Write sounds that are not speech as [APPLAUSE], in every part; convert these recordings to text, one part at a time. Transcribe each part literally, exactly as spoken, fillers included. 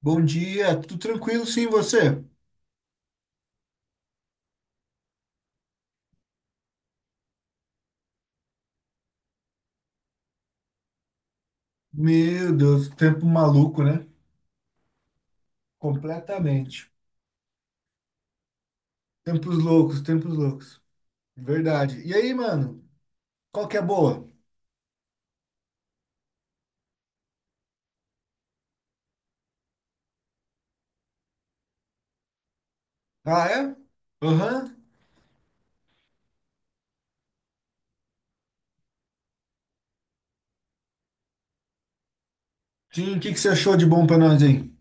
Bom dia, tudo tranquilo sim, você? Meu Deus, tempo maluco, né? Completamente. Tempos loucos, tempos loucos. Verdade. E aí, mano? Qual que é a boa? Ah, é? Aham. Sim, o que que você achou de bom pra nós aí?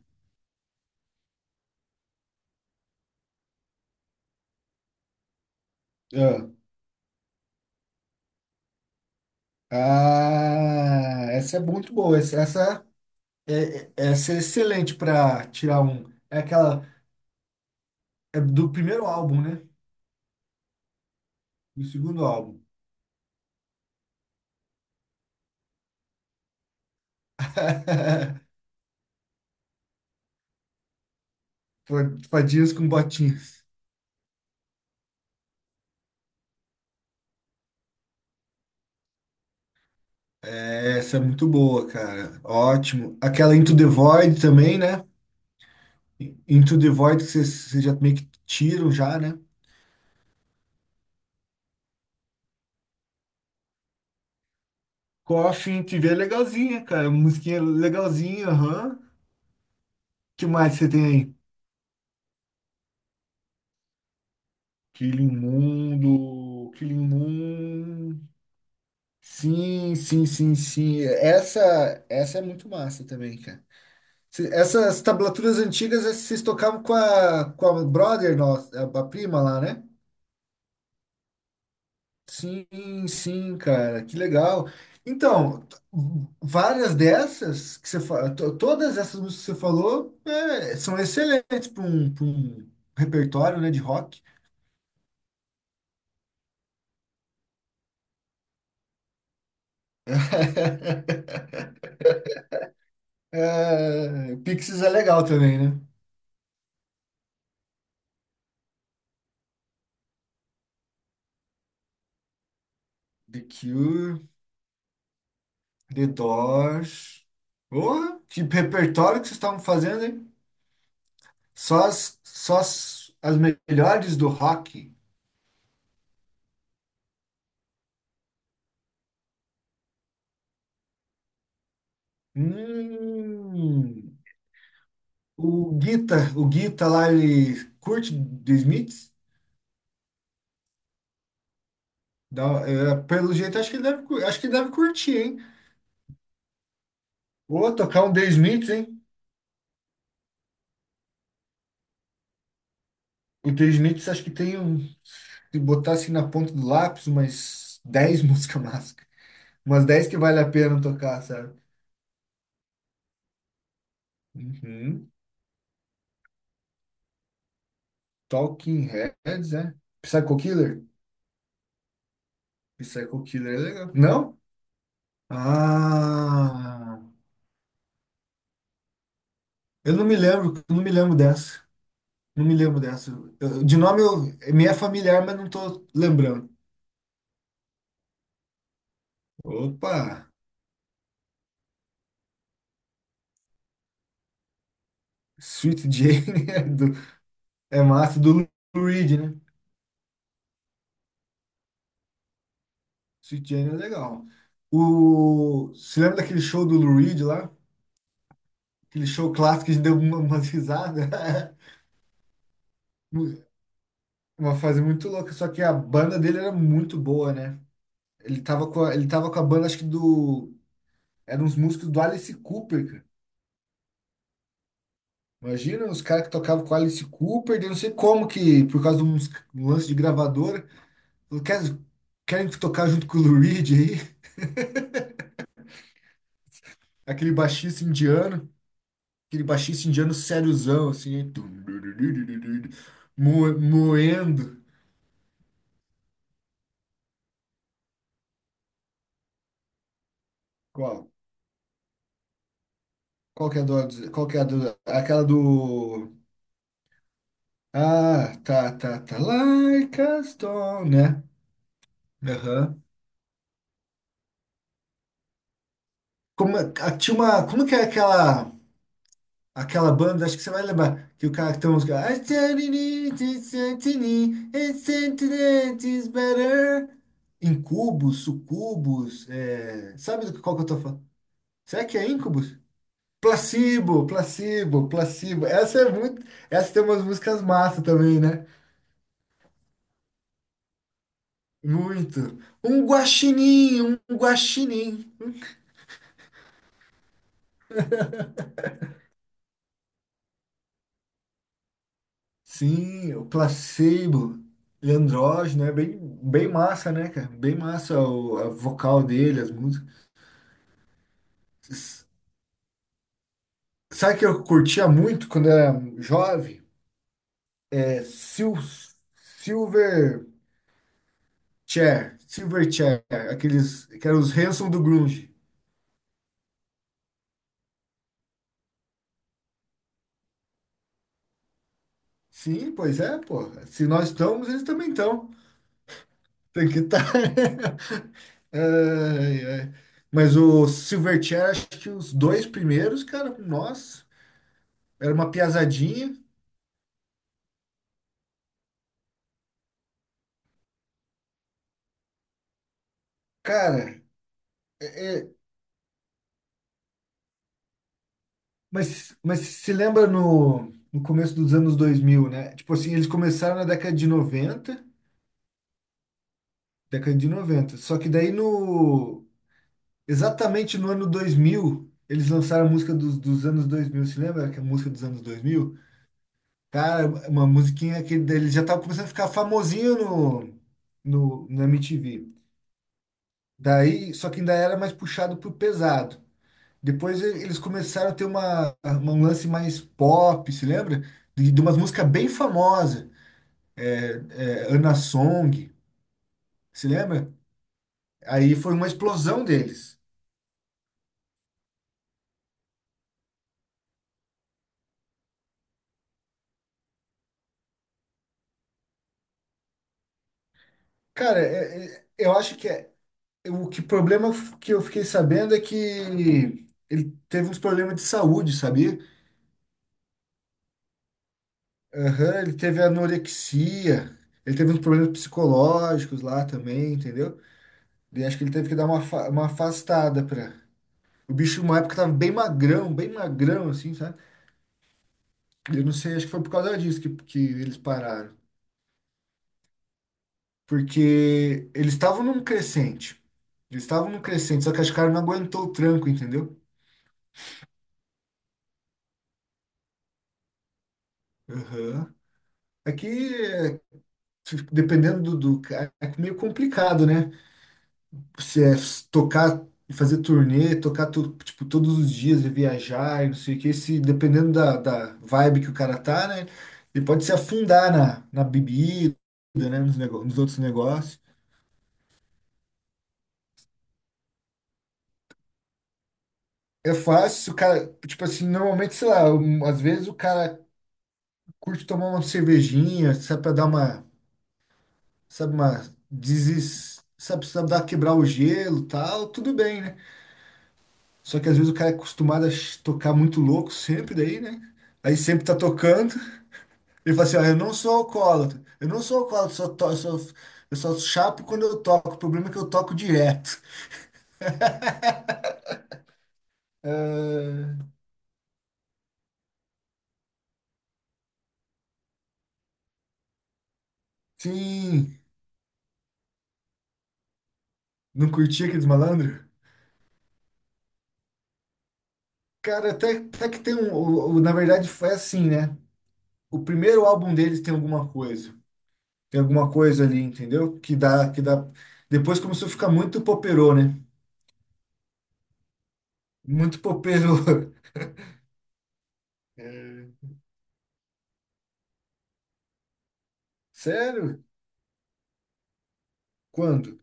Ah, ah, essa é muito boa. Essa, essa é, é- essa é excelente pra tirar um. É aquela. É do primeiro álbum, né? Do segundo álbum. [LAUGHS] Fadinhas com botinhas. Essa é muito boa, cara. Ótimo. Aquela Into the Void também, né? Into the Void que vocês já meio que tiram já, né? Coffin T V é legalzinha, cara. Musiquinha legalzinha, aham. que mais você tem aí? Killing Mundo, Killing Moon. Sim, sim, sim, sim. Essa, essa é muito massa também, cara. Cê- Essas tablaturas antigas, eh, vocês tocavam com a, com a brother nossa, a a prima lá, né? Sim, sim, cara, que legal. Então, t- várias dessas que você fa- to- todas essas músicas que você falou é, são excelentes para um, pra um repertório, né, de rock. [LAUGHS] É, Pixies é legal também, né? The Cure, The Doors. Porra, que repertório que vocês estavam fazendo, hein? Só as, só as, as melhores do rock. Hum. O Guita, o Guita lá, ele curte The Smiths? Dá- é, pelo jeito, acho que ele deve, cur- acho que ele deve curtir, hein? Ou tocar um The Smiths, hein? O The Smiths, acho que tem um. Se botar assim na ponta do lápis, umas dez [LAUGHS] músicas massa. Umas dez que vale a pena tocar, sabe? Uhum. Talking Heads, é? Psycho Killer? Psycho Killer é legal. Não? Ah, eu não me lembro, eu não me lembro dessa. Não me lembro dessa. Eu- de nome eu, me é familiar, mas não tô lembrando. Opa! Sweet Jane [LAUGHS] é, do- é massa do Lou Reed, né? Sweet Jane é legal. O, você lembra daquele show do Lou Reed lá? Aquele show clássico que a gente deu uma, umas risadas. [LAUGHS] Uma fase muito louca, só que a banda dele era muito boa, né? Ele tava com a, ele tava com a banda, acho que do. Eram uns músicos do Alice Cooper. Imagina os caras que tocavam com Alice Cooper, daí não sei como que, por causa de uns- um lance de gravadora, falou, "Quer- querem tocar junto com o Lou Reed aí?" [LAUGHS] Aquele baixista indiano, aquele baixista indiano sériozão, assim, hein? Tum, du, du, du, du, du, du, moe- moendo. Qual? Qual que é a do, qual que é a do, aquela do... Ah, tá, tá, tá, like a stone, né? Aham. Como, é- a- tinha uma, como que é aquela... Aquela banda, acho que você vai lembrar, que o cara que tem a música. I said it is, it said it is, it said it is better. Incubos, sucubos, é, sabe do que qual que eu tô falando? Será que é Incubus? Placebo, placebo, placebo. Essa é muito. Essa tem umas músicas massa também, né? Muito. Um guaxinim, um guaxinim. Sim, o placebo. Leandro, né? Bem, bem massa, né, cara? Bem massa o a vocal dele, as músicas. S- Sabe que eu curtia muito quando era jovem? É, Sil- Silver Chair, Silver Chair, aqueles que eram os Hanson do Grunge. Sim, pois é, pô. Se nós estamos, eles também estão. Tem que estar. [LAUGHS] Ai, ai. Mas o Silverchair, acho que os dois primeiros, cara, nossa, era uma piazadinha. Cara, é, é, mas, mas se lembra no, no começo dos anos dois mil, né? Tipo assim, eles começaram na década de noventa, década de noventa. Só que daí no, exatamente no ano dois mil, eles lançaram a música dos, dos anos dois mil. Se lembra que a música dos anos dois mil? Cara, uma musiquinha que daí eles já estavam começando a ficar famosinho no, no, na M T V. Daí, só que ainda era mais puxado pro pesado. Depois e- eles começaram a ter uma, uma- um lance mais pop, se lembra? De, de umas músicas bem famosas, é, Ana Song, se lembra? Aí foi uma explosão deles. Cara, é- é- eu acho que é, o que problema que eu fiquei sabendo é que ele teve uns problemas de saúde, sabia? Aham, ele teve anorexia, ele teve uns problemas psicológicos lá também, entendeu? E acho que ele teve que dar uma, afa- uma afastada pra. O bicho, uma época, tava bem magrão, bem magrão, assim, sabe? Eu não sei, acho que foi por causa disso que, que eles pararam. Porque eles estavam num crescente. Eles estavam num crescente, só que acho que o cara não aguentou o tranco, entendeu? Aham. Aqui, é, dependendo do, do cara, é meio complicado, né? Se é tocar, fazer turnê, tocar to- tipo, todos os dias e viajar e não sei o que, se, dependendo da, da vibe que o cara tá, né? Ele pode se afundar na, na bebida, né? Nos, nego- nos outros negócios. É fácil, o cara, tipo assim, normalmente, sei lá, um, às vezes o cara curte tomar uma cervejinha, sabe, pra dar uma, sabe, uma, desis, sabe, sabe, dar quebrar o gelo, e tal, tudo bem, né? Só que às vezes o cara é acostumado a ch- tocar muito louco sempre daí, né? Aí sempre tá tocando, ele fala assim, ó, eu não sou alcoólatra, eu não sou alcoólatra, só to, eu só, eu só chapo quando eu toco, o problema é que eu toco direto. Ah, sim, não curtia aqueles malandros? Cara, até, até que tem um. O- o- na verdade, foi assim, né? O primeiro álbum deles tem alguma coisa. Tem alguma coisa ali, entendeu? Que dá, que dá. Depois começou a ficar muito poperô, né? Muito poperô. [LAUGHS] É. Sério? Quando?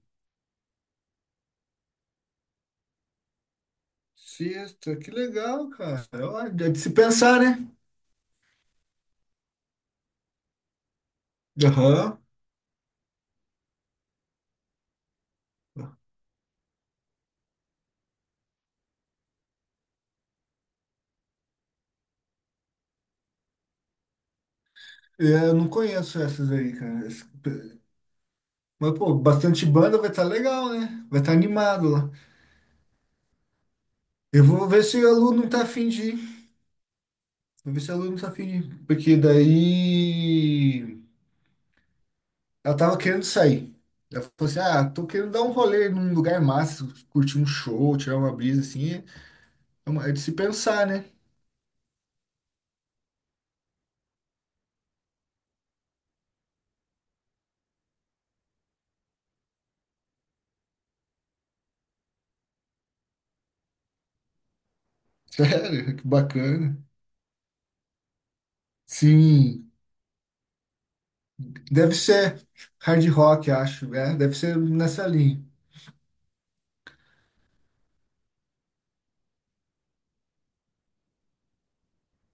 Sexta, que legal, cara. Olha, é de se pensar, né? Aham. É, eu não conheço essas aí, cara. Essa- Mas, pô, bastante banda vai estar legal, né? Vai estar animado lá. Eu vou ver se o aluno não tá afim. Vou ver se ela não tá afim. Porque daí ela tava querendo sair. Ela falou assim: "Ah, tô querendo dar um rolê num lugar massa, curtir um show, tirar uma brisa assim." É, é uma- é de se pensar, né? [LAUGHS] Sério, que bacana. Sim, deve ser hard rock, acho. É, deve ser nessa linha.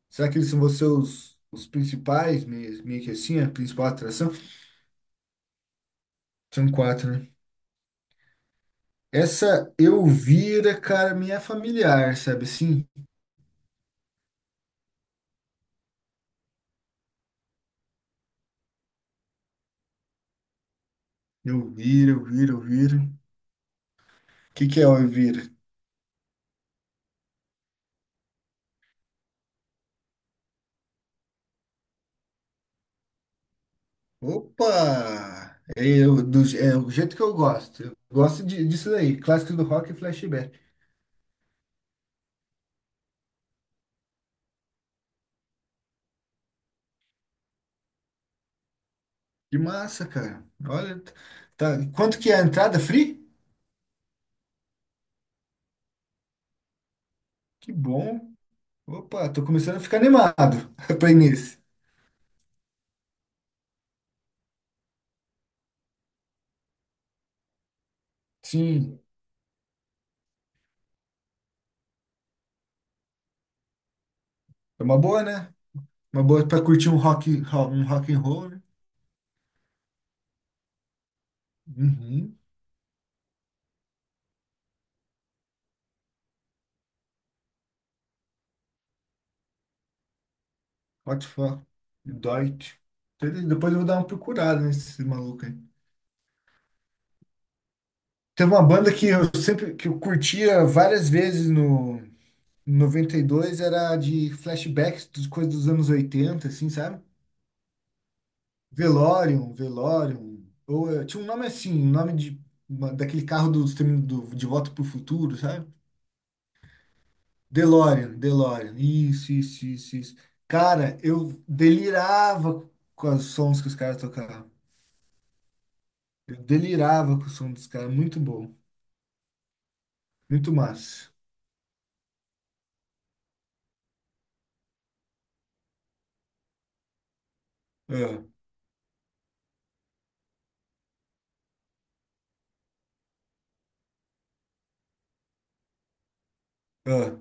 Será que eles são vocês os os principais, meio, meio que assim, a principal atração? São quatro, né? Essa Elvira, cara, me é familiar, sabe assim? Elvira, Elvira, Elvira. O que, que é ouvir? Opa! É, Eu, do, é o jeito que eu gosto. Eu gosto de, disso daí, clássicos do rock e flashback. Que massa, cara. Olha, tá. Quanto que é a entrada? Free? Que bom. Opa, tô começando a ficar animado [LAUGHS] pra início. Sim, é uma boa, né? Uma boa pra curtir um rock, ro- um rock and roll, né? Uhum. What the fuck? Deutsch. Entendeu? Depois eu vou dar uma procurada nesse maluco aí. Teve uma banda que eu sempre que eu curtia várias vezes no noventa e dois, era de flashbacks das coisas dos anos oitenta, assim, sabe? Velorium, Velorium. Ou eh, tinha um nome assim, um nome de, uma- daquele carro do, Extermin- do De Volta pro Futuro, sabe? DeLorean, DeLorean. Isso, isso, isso, isso. Cara, eu delirava com os sons que os caras tocavam. Eu delirava com o som dos caras. Muito bom. Muito massa. Ah, ah.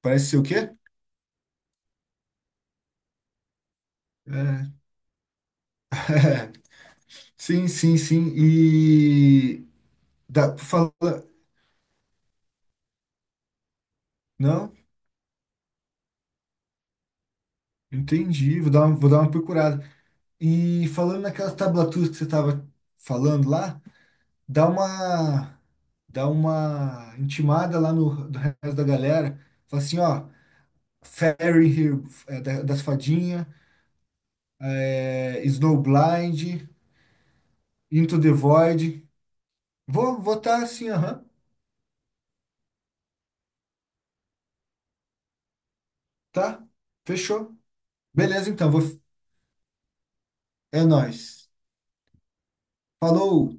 Parece ser o quê? É. [LAUGHS] Sim, sim, sim. E dá, fala, não, entendi, vou dar uma, vou dar uma, procurada. E falando naquela tablatura que você estava falando lá, dá uma, dá uma intimada lá no, do resto da galera. Fala assim, ó, Fairy Here, é, da- das fadinhas, é, Snowblind, Into the Void. Vou votar assim, aham, tá? Fechou. Beleza, então, vou, é nóis. Falou!